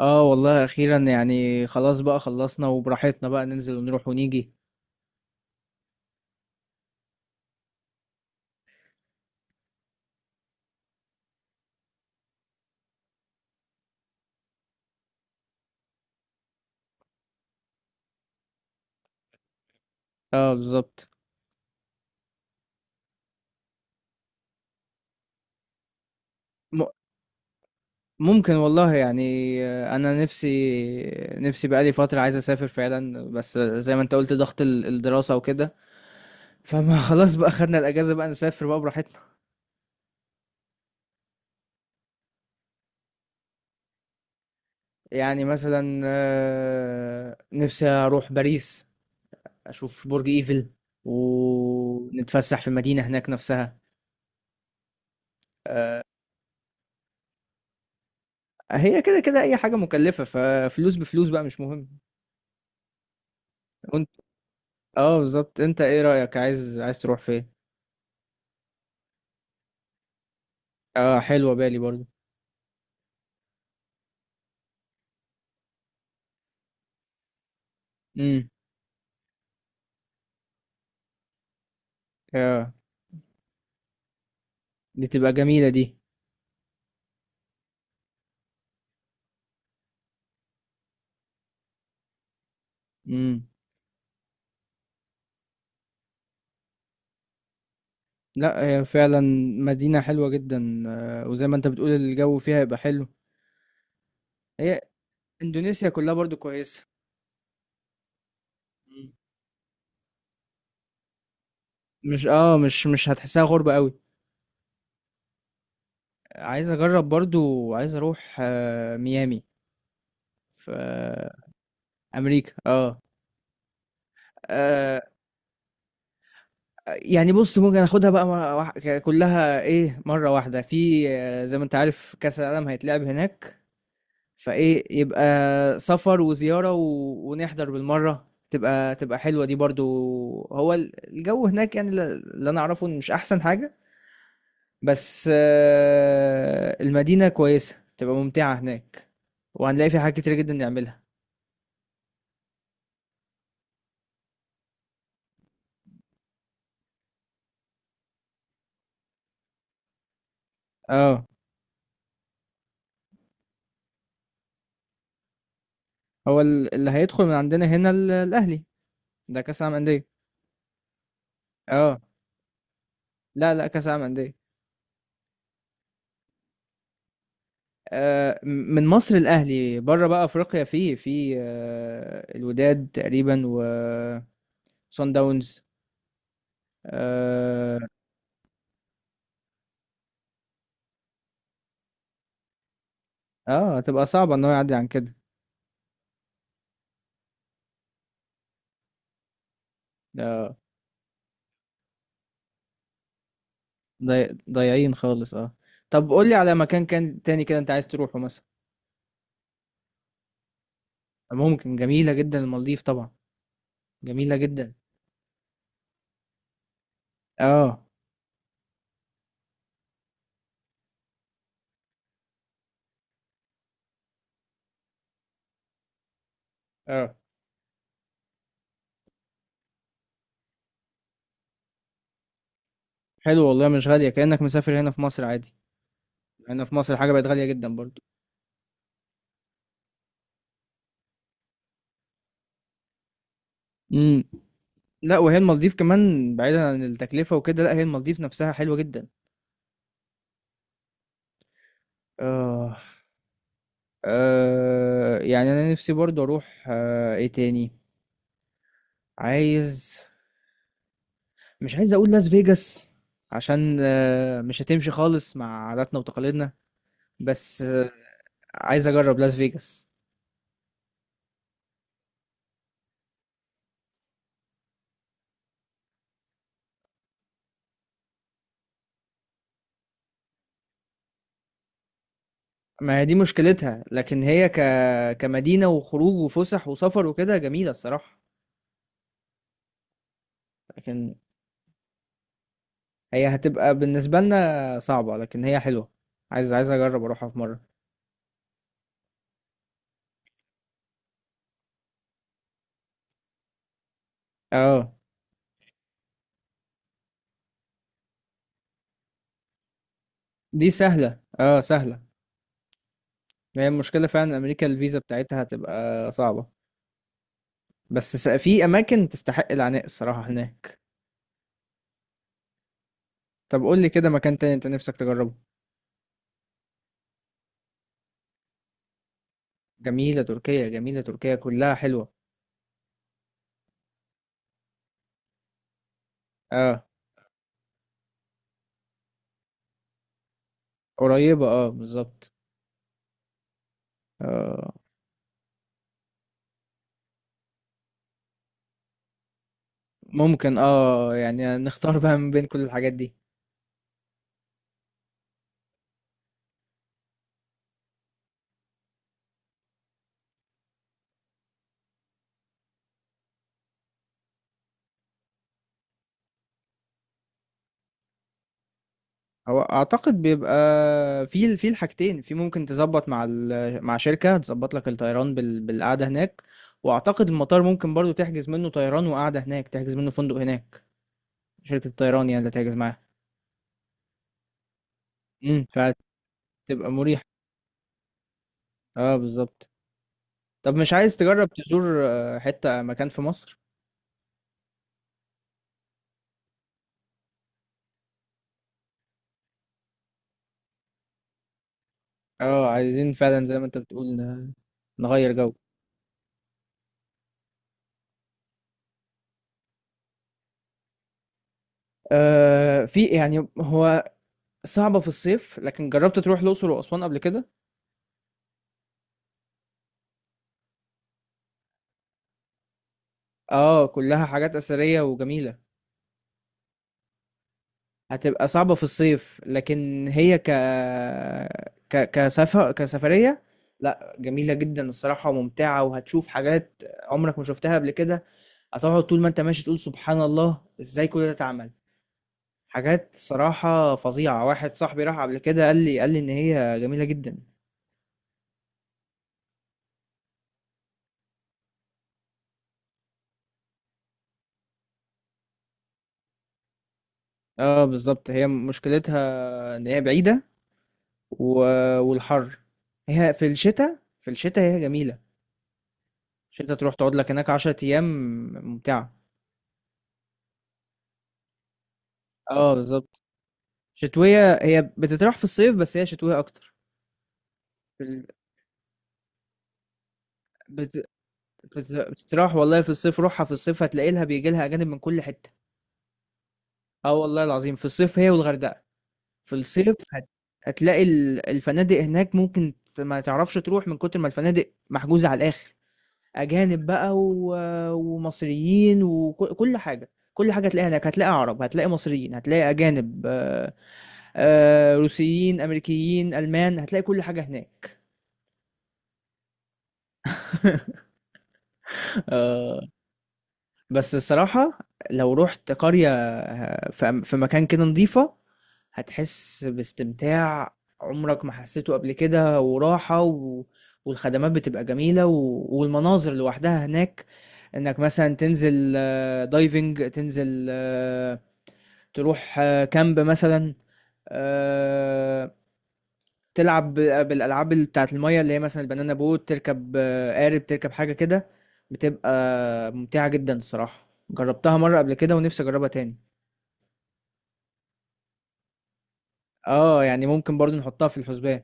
اه والله اخيرا يعني خلاص بقى خلصنا وبراحتنا بقى ننزل ونروح ونيجي. اه بالظبط. م- ممكن والله يعني. انا نفسي بقالي فترة عايز اسافر فعلا، بس زي ما انت قلت ضغط الدراسة وكده. فما خلاص بقى خدنا الاجازة بقى نسافر بقى براحتنا. يعني مثلا نفسي اروح باريس، اشوف برج ايفل ونتفسح في المدينة هناك نفسها. آه، هي كده كده اي حاجة مكلفة، ففلوس بفلوس بقى مش مهم. اه بالظبط. انت ايه رأيك، عايز تروح فين؟ اه حلوة بالي برضو. امم. اه دي تبقى جميلة دي. امم. لا هي فعلا مدينة حلوة جدا، آه، وزي ما انت بتقول الجو فيها يبقى حلو. هي اندونيسيا كلها برضو كويسة. مم. مش هتحسها غربة قوي. عايز اجرب برضو، عايز اروح آه ميامي. في آه امريكا. اه. آه، يعني بص ممكن اخدها بقى كلها ايه مرة واحدة، في آه، زي ما انت عارف كأس العالم هيتلعب هناك. فايه يبقى سفر وزيارة و... ونحضر بالمرة، تبقى حلوة دي برضو. هو الجو هناك، يعني اللي انا اعرفه إن مش احسن حاجة. بس آه، المدينة كويسة، تبقى ممتعة هناك وهنلاقي فيها حاجات كتير جدا نعملها. اه. هو اللي هيدخل من عندنا هنا الاهلي. ده كأس العالم أندية. اه. لا لا، كأس العالم أندية. آه، من مصر الاهلي، بره بقى افريقيا في آه، الوداد تقريبا وصن داونز. اه. آه، هتبقى صعبه ان هو يعدي عن كده. آه، ضايعين خالص. اه. طب قول لي على مكان تاني كده انت عايز تروحه مثلا. ممكن، جميله جدا المالديف طبعا. جميله جدا. اه اه. حلو والله، مش غاليه، كانك مسافر هنا في مصر عادي. هنا في مصر حاجه بقت غاليه جدا برضو. امم. لا، وهي المالديف كمان بعيدا عن التكلفه وكده، لا هي المالديف نفسها حلوه جدا. آه. آه، يعني أنا نفسي برضه أروح آه، إيه تاني. عايز، مش عايز أقول لاس فيجاس عشان آه، مش هتمشي خالص مع عاداتنا وتقاليدنا. بس آه، عايز أجرب لاس فيجاس. ما هي دي مشكلتها، لكن هي كمدينة وخروج وفسح وسفر وكده جميلة الصراحة. لكن هي هتبقى بالنسبة لنا صعبة، لكن هي حلوة. عايز أجرب أروحها في مرة. اه دي سهلة، اه سهلة. هي المشكلة فعلا أمريكا الفيزا بتاعتها هتبقى صعبة. في أماكن تستحق العناء الصراحة هناك. طب قول لي كده مكان تاني أنت نفسك تجربه. جميلة تركيا، جميلة تركيا كلها حلوة. اه. قريبة اه بالظبط. آه. ممكن اه، يعني نختار بقى من بين كل الحاجات دي. هو أعتقد بيبقى في في الحاجتين، في ممكن تظبط مع مع شركة تظبط لك الطيران بالقعدة هناك. وأعتقد المطار ممكن برضو تحجز منه طيران وقعدة هناك، تحجز منه فندق هناك، شركة الطيران يعني اللي تعجز معاها. امم. فتبقى مريحة. اه بالظبط. طب مش عايز تجرب تزور آه، حتة مكان في مصر؟ اه عايزين فعلا زي ما انت بتقول نغير جو. آه في يعني، هو صعبة في الصيف، لكن جربت تروح الأقصر وأسوان قبل كده؟ اه كلها حاجات أثرية وجميلة. هتبقى صعبة في الصيف، لكن هي ك ك كسفر كسفرية، لا جميلة جدا الصراحة وممتعة، وهتشوف حاجات عمرك ما شفتها قبل كده. هتقعد طول ما انت ماشي تقول سبحان الله ازاي كل ده اتعمل. حاجات صراحة فظيعة، واحد صاحبي راح قبل كده قال لي ان هي جميلة جدا. اه بالظبط. هي مشكلتها ان هي بعيدة و... والحر. هي في الشتاء، هي جميلة. الشتاء تروح تقعد لك هناك 10 ايام، ممتعة. اه بالظبط. شتوية، هي بتتراح في الصيف بس هي شتوية اكتر. في ال... بت... بتتراح والله في الصيف، روحها في الصيف هتلاقي لها، بيجي لها اجانب من كل حتة. اه والله العظيم، في الصيف هي والغردقة. في الصيف هتلاقي الفنادق هناك ممكن ما تعرفش تروح من كتر ما الفنادق محجوزة على الآخر، أجانب بقى ومصريين كل حاجة، كل حاجة هتلاقيها هناك، هتلاقي عرب، هتلاقي مصريين، هتلاقي أجانب. روسيين، أمريكيين، ألمان، هتلاقي كل حاجة هناك. آآ بس الصراحة، لو رُحت قرية، ه في م في مكان كده نضيفة، هتحس باستمتاع عمرك ما حسيته قبل كده، وراحة و... والخدمات بتبقى جميلة و... والمناظر لوحدها هناك. انك مثلا تنزل آه، دايفنج، تنزل آه، تروح آه، كامب مثلا، آه، تلعب بالالعاب اللي بتاعت المية اللي هي مثلا البنانا بوت، تركب آه، قارب، تركب حاجة كده. بتبقى ممتعة جدا الصراحة، جربتها مرة قبل كده ونفسي اجربها تاني. اه يعني ممكن برضو نحطها في الحسبان.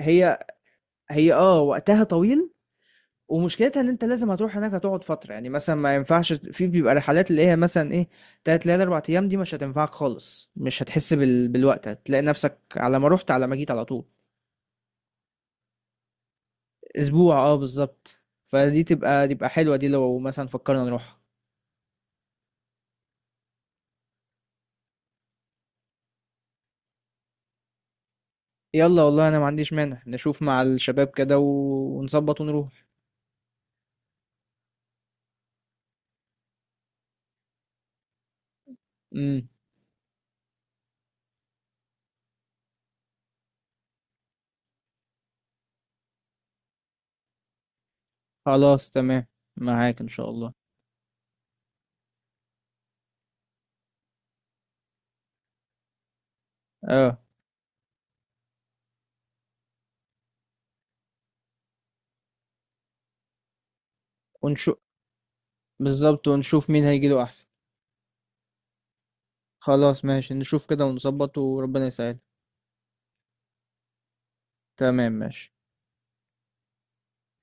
هي هي آه، وقتها طويل ومشكلتها إن أنت لازم هتروح هناك هتقعد فترة، يعني مثلًا ما ينفعش، في بيبقى رحلات اللي هي مثلًا إيه 3 ليالي 4 أيام دي مش هتنفعك خالص، مش هتحس بالوقت، هتلاقي نفسك على ما رُحت على ما جيت على طول. أسبوع آه بالضبط، فدي تبقى حلوة دي لو مثلًا فكرنا نروحها. يالّا والله أنا ما عنديش مانع، نشوف مع الشباب كده ونضبط ونروح. إمم، خلاص تمام، معاك إن شاء الله. آه، ونشو بالضبط، ونشوف مين هييجي له أحسن. خلاص ماشي، نشوف كده ونظبط وربنا يسهل. تمام ماشي